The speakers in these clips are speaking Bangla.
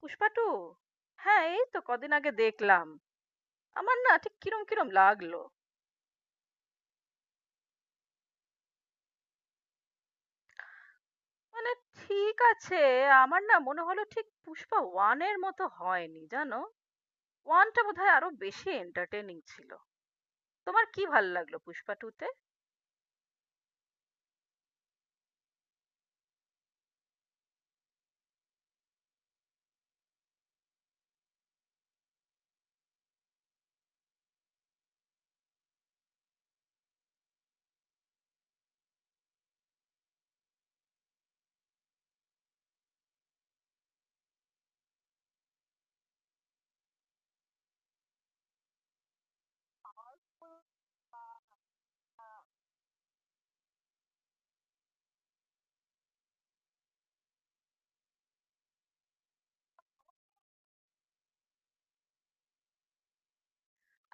পুষ্পা টু। হ্যাঁ, এই তো কদিন আগে দেখলাম। আমার না ঠিক কিরম কিরম লাগলো। মানে ঠিক আছে, আমার না মনে হলো ঠিক পুষ্পা ওয়ান এর মতো হয়নি জানো। ওয়ানটা বোধহয় আরো বেশি এন্টারটেনিং ছিল। তোমার কি ভালো লাগলো পুষ্পা টু তে?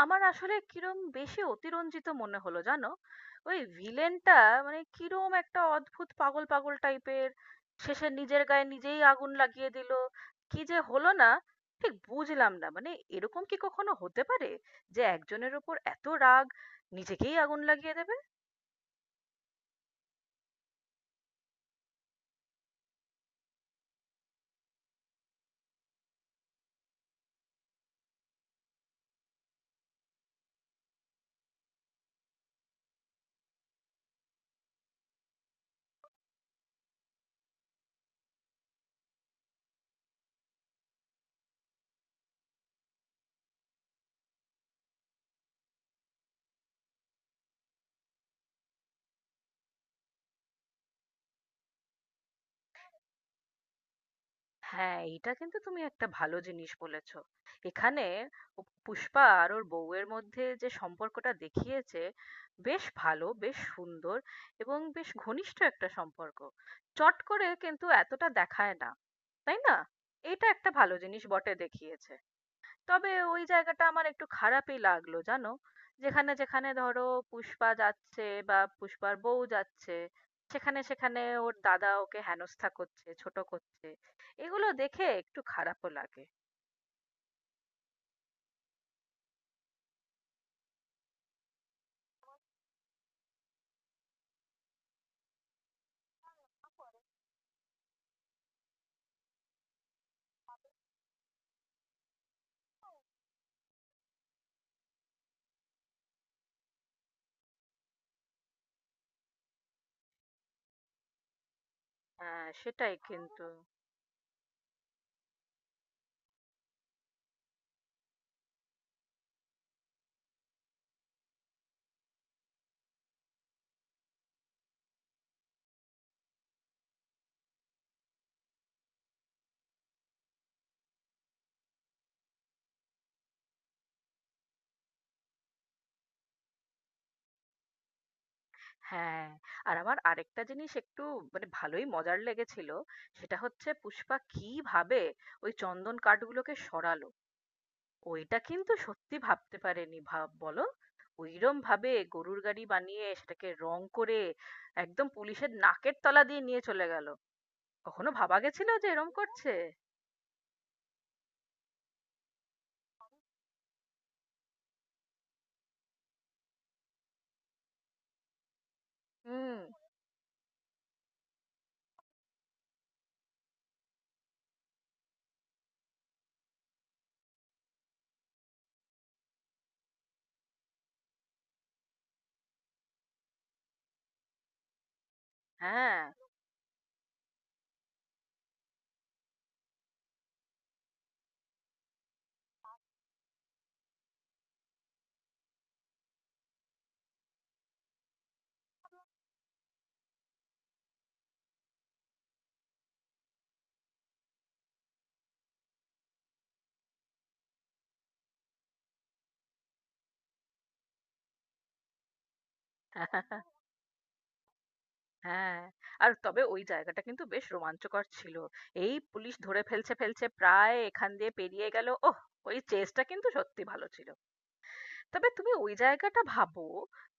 আমার আসলে কিরম বেশি অতিরঞ্জিত মনে হলো জানো? ওই ভিলেনটা মানে কিরম একটা অদ্ভুত পাগল পাগল টাইপের, শেষে নিজের গায়ে নিজেই আগুন লাগিয়ে দিল। কি যে হলো না, ঠিক বুঝলাম না। মানে এরকম কি কখনো হতে পারে যে একজনের উপর এত রাগ নিজেকেই আগুন লাগিয়ে দেবে? হ্যাঁ, এটা কিন্তু তুমি একটা ভালো জিনিস বলেছ। এখানে পুষ্পা আর ওর বউয়ের মধ্যে যে সম্পর্কটা দেখিয়েছে, বেশ ভালো, বেশ সুন্দর এবং বেশ ঘনিষ্ঠ একটা সম্পর্ক। চট করে কিন্তু এতটা দেখায় না। তাই না? এটা একটা ভালো জিনিস বটে দেখিয়েছে। তবে ওই জায়গাটা আমার একটু খারাপই লাগলো জানো? যেখানে যেখানে ধরো পুষ্পা যাচ্ছে বা পুষ্পার বউ যাচ্ছে, সেখানে সেখানে ওর দাদা ওকে হেনস্থা করছে, ছোট করছে। এগুলো দেখে একটু খারাপও লাগে। হ্যাঁ, সেটাই কিন্তু। হ্যাঁ, আর আমার আরেকটা জিনিস একটু মানে ভালোই মজার লেগেছিল। সেটা হচ্ছে পুষ্পা কিভাবে ওই চন্দন কাঠগুলোকে সরালো। ওইটা কিন্তু সত্যি ভাবতে পারেনি, ভাব বলো। ওইরম ভাবে গরুর গাড়ি বানিয়ে সেটাকে রং করে একদম পুলিশের নাকের তলা দিয়ে নিয়ে চলে গেল। কখনো ভাবা গেছিল যে এরম করছে? হুম। হ্যাঁ। হ্যাঁ, আর তবে ওই জায়গাটা কিন্তু বেশ রোমাঞ্চকর ছিল। এই পুলিশ ধরে ফেলছে ফেলছে, প্রায় এখান দিয়ে পেরিয়ে গেল, ওহ! ওই চেজটা কিন্তু সত্যি ভালো ছিল। তবে তুমি ওই জায়গাটা ভাবো,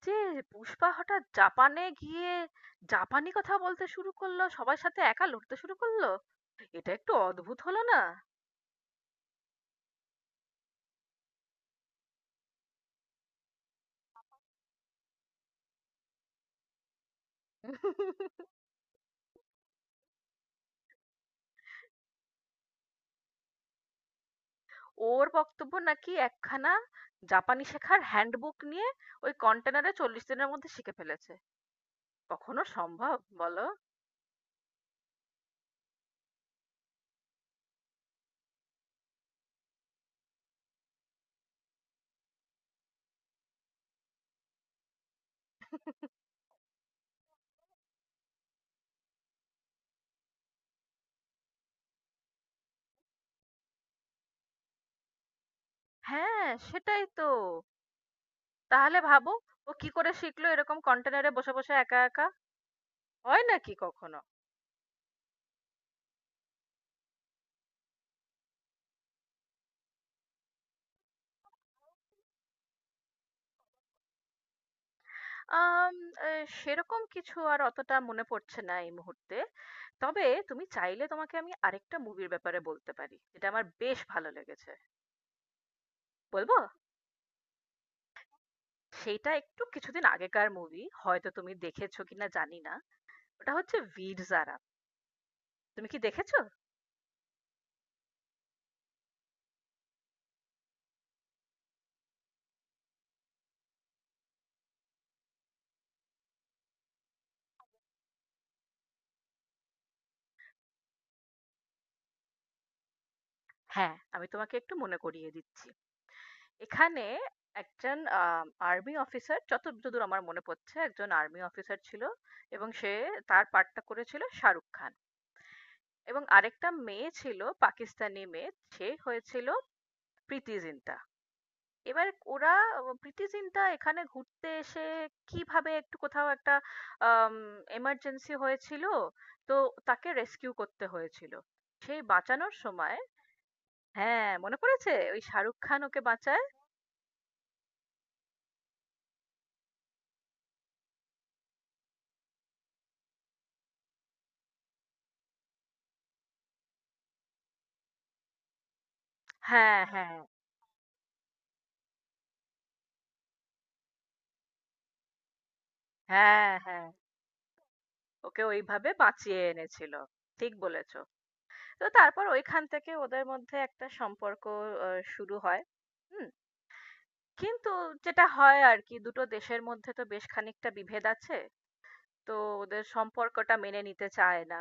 যে পুষ্পা হঠাৎ জাপানে গিয়ে জাপানি কথা বলতে শুরু করলো, সবার সাথে একা লড়তে শুরু করলো। এটা একটু অদ্ভুত হলো না? ওর বক্তব্য নাকি একখানা জাপানি শেখার হ্যান্ডবুক নিয়ে ওই কন্টেনারে 40 দিনের মধ্যে শিখে ফেলেছে। কখনো সম্ভব বলো? হ্যাঁ, সেটাই তো। তাহলে ভাবো, ও কি করে শিখলো এরকম কন্টেনারে বসে বসে একা একা? হয় নাকি কখনো? আম আ সেরকম কিছু আর অতটা মনে পড়ছে না এই মুহূর্তে। তবে তুমি চাইলে তোমাকে আমি আরেকটা মুভির ব্যাপারে বলতে পারি। এটা আমার বেশ ভালো লেগেছে। বলবো? সেইটা একটু কিছুদিন আগেকার মুভি। হয়তো তুমি দেখেছো কিনা জানি না। ওটা হচ্ছে 'বীর জারা'। তুমি কি দেখেছো? হ্যাঁ, আমি তোমাকে একটু মনে করিয়ে দিচ্ছি। এখানে একজন আ আর্মি অফিসার, যতদূর আমার মনে পড়ছে একজন আর্মি অফিসার ছিল এবং সে, তার পার্টটা করেছিল শাহরুখ খান। এবং আরেকটা মেয়ে ছিল, পাকিস্তানি মেয়ে, সে হয়েছিল প্রীতি জিন্টা। এবার ওরা, প্রীতি জিন্টা এখানে ঘুরতে এসে কিভাবে একটু কোথাও একটা এমার্জেন্সি হয়েছিল, তো তাকে রেস্কিউ করতে হয়েছিল। সেই বাঁচানোর সময়, হ্যাঁ মনে পড়েছে, ওই শাহরুখ খান ওকে বাঁচায়। হ্যাঁ, হ্যাঁ, হ্যাঁ, হ্যাঁ, ওকে ওইভাবে বাঁচিয়ে এনেছিল। ঠিক বলেছো। তো তারপর ওইখান থেকে ওদের মধ্যে একটা সম্পর্ক শুরু হয়। হুম। কিন্তু যেটা হয় আর কি, দুটো দেশের মধ্যে তো বেশ খানিকটা বিভেদ আছে। তো ওদের সম্পর্কটা মেনে নিতে চায় না।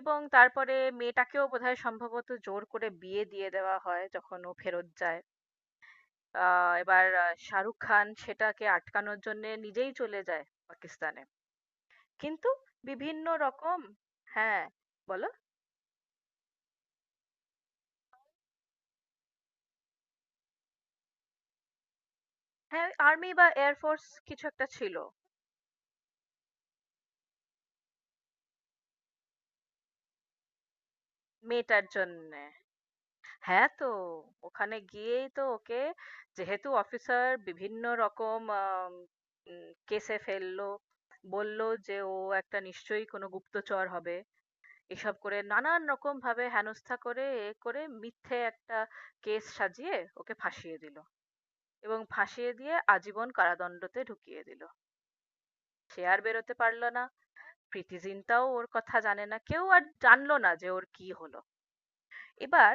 এবং তারপরে মেয়েটাকেও বোধহয় সম্ভবত জোর করে বিয়ে দিয়ে দেওয়া হয় যখন ও ফেরত যায়। এবার শাহরুখ খান সেটাকে আটকানোর জন্য নিজেই চলে যায় পাকিস্তানে। কিন্তু বিভিন্ন রকম, হ্যাঁ, বলো। হ্যাঁ, আর্মি বা এয়ার ফোর্স কিছু একটা ছিল, মেয়েটার জন্যে। হ্যাঁ, তো ওখানে গিয়েই তো ওকে, যেহেতু অফিসার, বিভিন্ন রকম কেসে ফেললো। বলল যে ও একটা নিশ্চয়ই কোনো গুপ্তচর হবে, এসব করে নানান রকম ভাবে হেনস্থা করে, এ করে মিথ্যে একটা কেস সাজিয়ে ওকে ফাঁসিয়ে দিল। এবং ফাঁসিয়ে দিয়ে আজীবন কারাদণ্ডতে ঢুকিয়ে দিল, সে আর বেরোতে পারলো না। প্রীতি জিন্টাও ওর কথা জানে না, কেউ আর জানলো না যে ওর কি হলো। এবার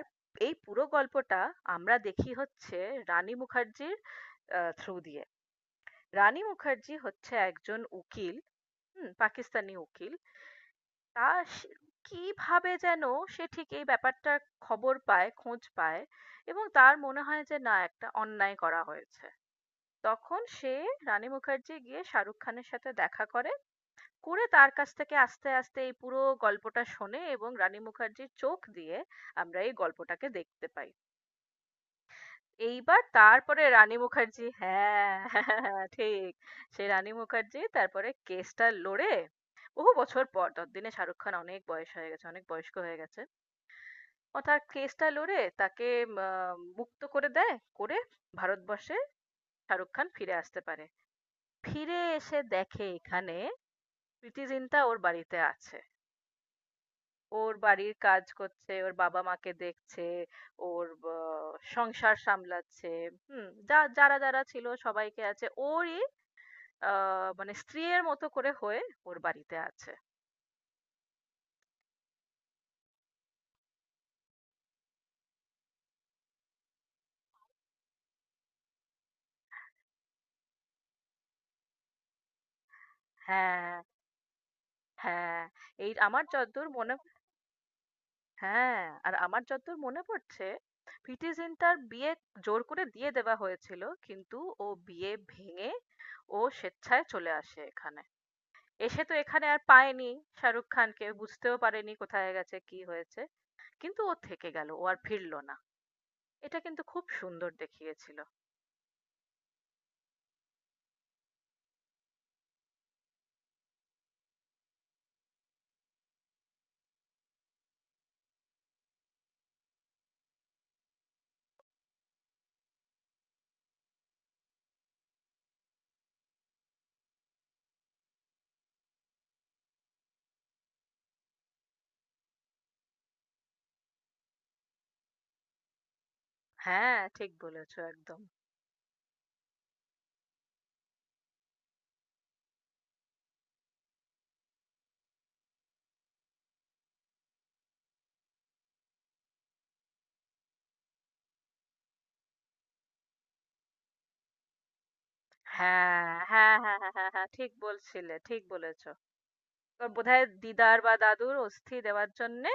এই পুরো গল্পটা আমরা দেখি হচ্ছে রানী মুখার্জির থ্রু দিয়ে। রানী মুখার্জি হচ্ছে একজন উকিল, হুম, পাকিস্তানি উকিল। তা সে- কিভাবে যেন সে ঠিক এই ব্যাপারটার খবর পায়, খোঁজ পায়। এবং তার মনে হয় যে না, একটা অন্যায় করা হয়েছে। তখন সে, রানী মুখার্জি গিয়ে শাহরুখ খানের সাথে দেখা করে, করে তার কাছ থেকে আস্তে আস্তে এই পুরো গল্পটা শোনে। এবং রানী মুখার্জির চোখ দিয়ে আমরা এই গল্পটাকে দেখতে পাই। এইবার তারপরে রানী মুখার্জি, হ্যাঁ ঠিক। সেই রানী মুখার্জি তারপরে কেসটা লড়ে। বহু বছর পর, ততদিনে শাহরুখ খান অনেক বয়স হয়ে গেছে, অনেক বয়স্ক হয়ে গেছে। ও তার কেসটা লড়ে তাকে মুক্ত করে দেয়, করে ভারতবর্ষে শাহরুখ খান ফিরে আসতে পারে। ফিরে এসে দেখে এখানে প্রীতি জিন্টা ওর বাড়িতে আছে। ওর বাড়ির কাজ করছে, ওর বাবা মা কে দেখছে, ওর সংসার সামলাচ্ছে, হম, যা যারা যারা ছিল সবাইকে আছে ওরই মানে স্ত্রীয়ের মতো করে হয়ে ওর বাড়িতে আছে। হ্যাঁ, হ্যাঁ, এই আমার যতদূর মনে। হ্যাঁ, আর আমার যতদূর মনে পড়ছে প্রীতি জিন্টার বিয়ে জোর করে দিয়ে দেওয়া হয়েছিল, কিন্তু ও বিয়ে ভেঙে, ও স্বেচ্ছায় চলে আসে এখানে। এসে তো এখানে আর পায়নি শাহরুখ খানকে, বুঝতেও পারেনি কোথায় গেছে কি হয়েছে। কিন্তু ও থেকে গেল, ও আর ফিরলো না। এটা কিন্তু খুব সুন্দর দেখিয়েছিল। হ্যাঁ, ঠিক বলেছো একদম। হ্যাঁ, হ্যাঁ, হ্যাঁ, হ্যাঁ, হ্যাঁ, হ্যাঁ, ঠিক বলছিলে, ঠিক বলেছো। ওর বোধহয় দিদার বা দাদুর অস্থি দেওয়ার জন্যে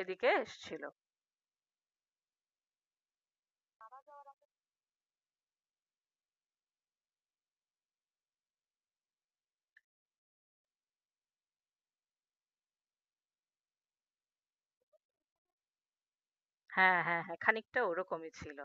এদিকে এসেছিল। হ্যাঁ, হ্যাঁ, হ্যাঁ, খানিকটা ওরকমই ছিল।